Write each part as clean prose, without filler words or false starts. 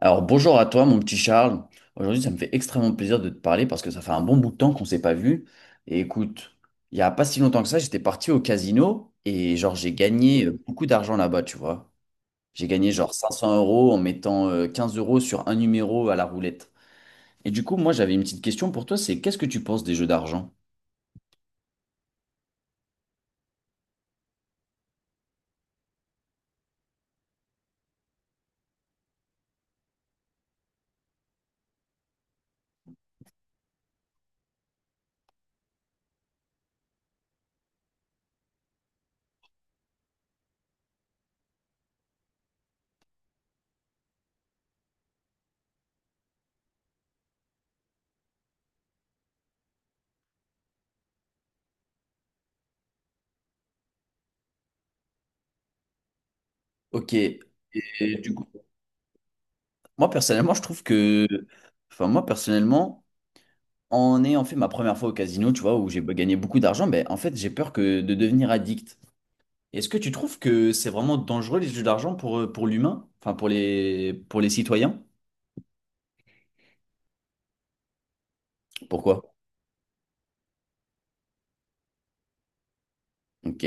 Alors bonjour à toi mon petit Charles. Aujourd'hui ça me fait extrêmement plaisir de te parler parce que ça fait un bon bout de temps qu'on s'est pas vu. Et écoute, il y a pas si longtemps que ça, j'étais parti au casino et genre j'ai gagné beaucoup d'argent là-bas, tu vois. J'ai gagné genre 500 euros en mettant 15 € sur un numéro à la roulette. Et du coup, moi j'avais une petite question pour toi, c'est qu'est-ce que tu penses des jeux d'argent? Ok, et du coup, moi personnellement, je trouve que, enfin moi personnellement, en ayant fait ma première fois au casino, tu vois, où j'ai gagné beaucoup d'argent, ben en fait j'ai peur que de devenir addict. Est-ce que tu trouves que c'est vraiment dangereux les jeux d'argent pour l'humain, enfin pour les citoyens? Pourquoi? Ok.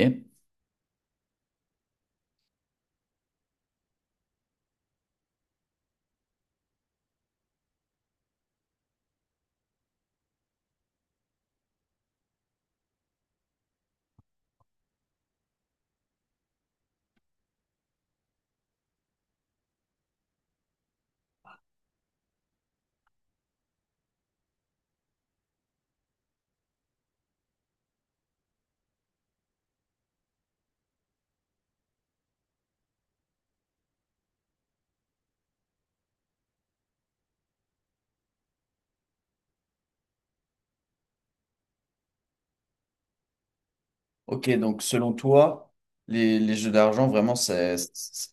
Ok, donc selon toi, les jeux d'argent, vraiment, c'est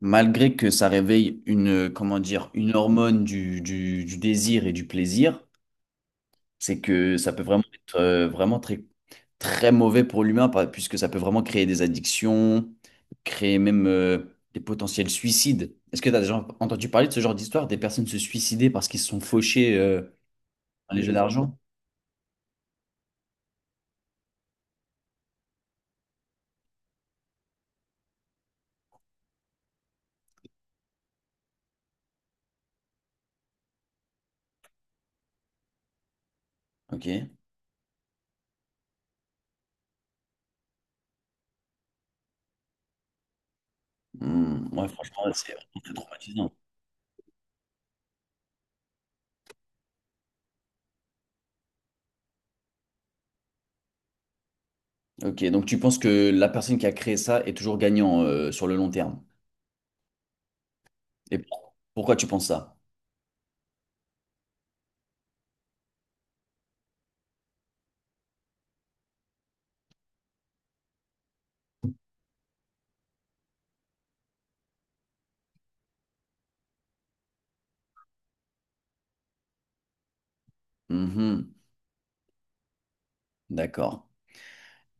malgré que ça réveille une, comment dire, une hormone du désir et du plaisir, c'est que ça peut vraiment être vraiment très, très mauvais pour l'humain, puisque ça peut vraiment créer des addictions, créer même des potentiels suicides. Est-ce que tu as déjà entendu parler de ce genre d'histoire, des personnes se suicider parce qu'ils se sont fauchés dans les jeux d'argent? Ok. Hmm, ouais, franchement, c'est vraiment très traumatisant. Ok, donc tu penses que la personne qui a créé ça est toujours gagnant sur le long terme. Et pourquoi tu penses ça? Mhm, d'accord.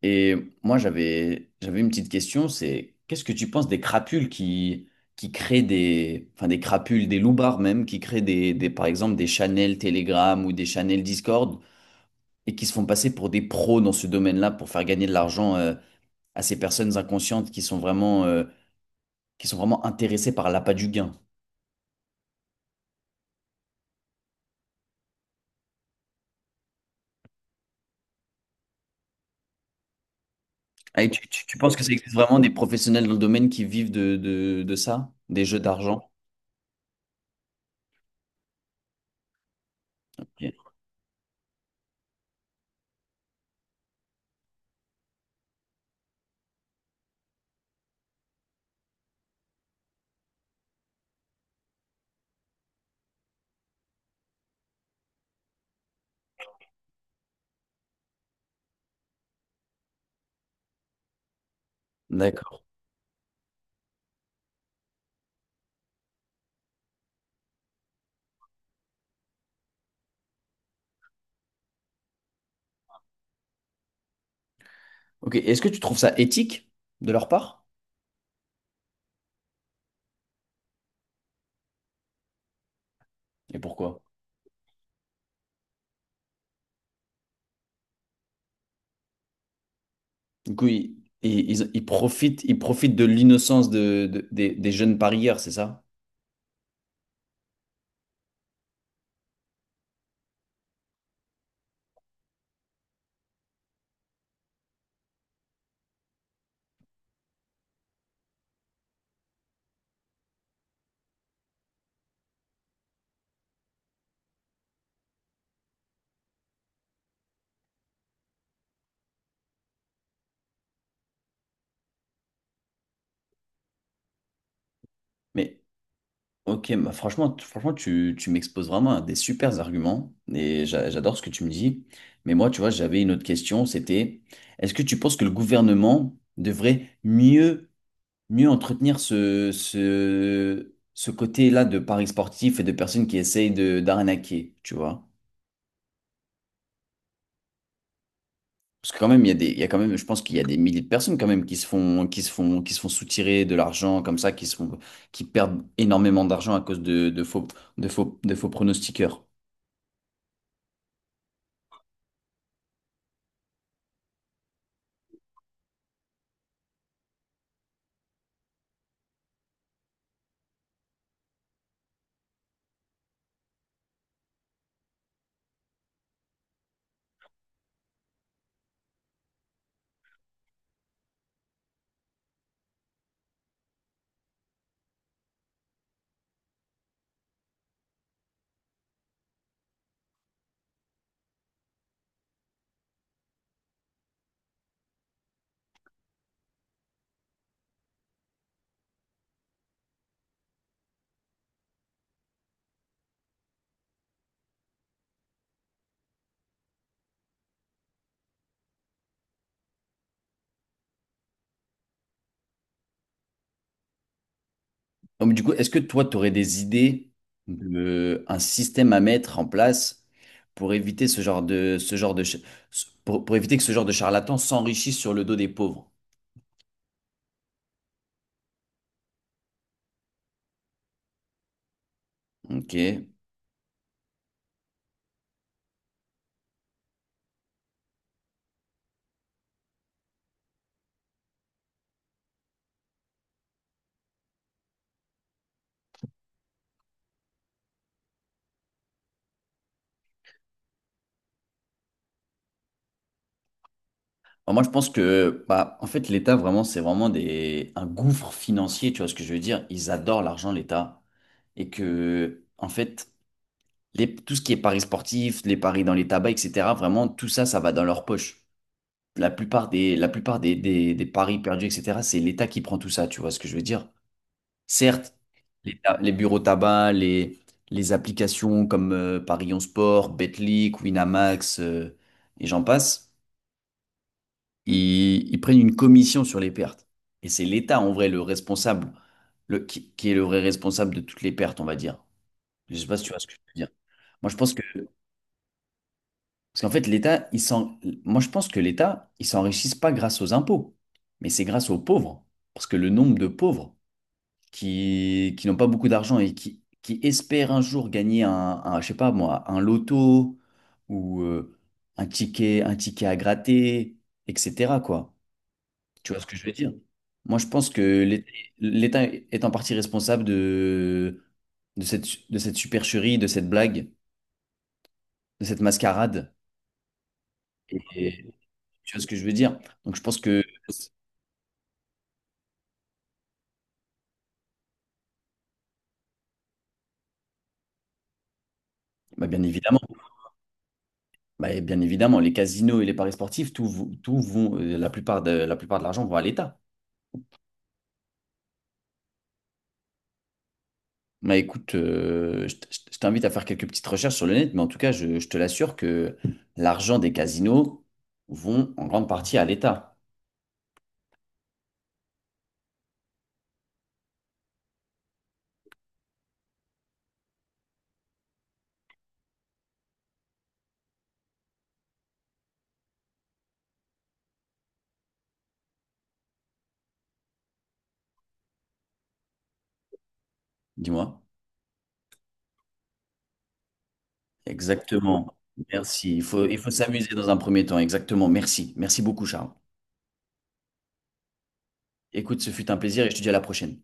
Et moi, j'avais une petite question, c'est qu'est-ce que tu penses des crapules qui créent des, enfin des crapules, des loupards même, qui créent des, par exemple des channels Telegram ou des channels Discord et qui se font passer pour des pros dans ce domaine-là pour faire gagner de l'argent à ces personnes inconscientes qui sont vraiment intéressées par l'appât du gain. Ah, et tu penses que ça existe vraiment des professionnels dans le domaine qui vivent de ça, des jeux d'argent? Ok. D'accord. Ok. Est-ce que tu trouves ça éthique de leur part? Et pourquoi? Du coup, ils profitent de l'innocence des jeunes parieurs, c'est ça? Mais ok, bah, franchement, franchement, tu m'exposes vraiment à des super arguments et j'adore ce que tu me dis. Mais moi, tu vois, j'avais une autre question, c'était, est-ce que tu penses que le gouvernement devrait mieux entretenir ce côté-là de paris sportifs et de personnes qui essayent de d'arnaquer, tu vois. Parce que quand même, il y a quand même, je pense qu'il y a des milliers de personnes quand même qui se font, qui se font, qui se font soutirer de l'argent comme ça, qui perdent énormément d'argent à cause de faux pronostiqueurs. Donc, du coup, est-ce que toi, tu aurais des idées de un système à mettre en place pour éviter ce genre de, ch- pour éviter que ce genre de charlatan s'enrichisse sur le dos des pauvres? Ok. Alors moi, je pense que, bah, en fait, l'État, vraiment, c'est vraiment un gouffre financier, tu vois ce que je veux dire? Ils adorent l'argent, l'État. Et que, en fait, tout ce qui est paris sportifs, les paris dans les tabacs, etc., vraiment, tout ça, ça va dans leur poche. La plupart des paris perdus, etc., c'est l'État qui prend tout ça, tu vois ce que je veux dire? Certes, les bureaux tabac, les applications comme Paris en Sport, Betclic, Winamax, et j'en passe. Ils prennent une commission sur les pertes. Et c'est l'État, en vrai, le responsable, qui est le vrai responsable de toutes les pertes, on va dire. Je sais pas si tu vois ce que je veux dire. Moi, je pense que, parce qu'en fait, l'État, moi, je pense que l'État, ils s'enrichissent pas grâce aux impôts, mais c'est grâce aux pauvres. Parce que le nombre de pauvres qui n'ont pas beaucoup d'argent et qui espèrent un jour gagner je sais pas moi, un loto ou un ticket à gratter, etc., quoi. Tu vois ce que je veux dire? Moi, je pense que l'État est en partie responsable de cette, de cette supercherie, de cette blague, de cette mascarade. Et, tu vois ce que je veux dire? Donc, je pense que, bah, bien évidemment, bah, bien évidemment, les casinos et les paris sportifs, tout vont, la plupart de l'argent vont à l'État. Bah, écoute, je t'invite à faire quelques petites recherches sur le net, mais en tout cas, je te l'assure que l'argent des casinos vont en grande partie à l'État. Dis-moi. Exactement. Merci. Il faut s'amuser dans un premier temps. Exactement. Merci. Merci beaucoup, Charles. Écoute, ce fut un plaisir et je te dis à la prochaine.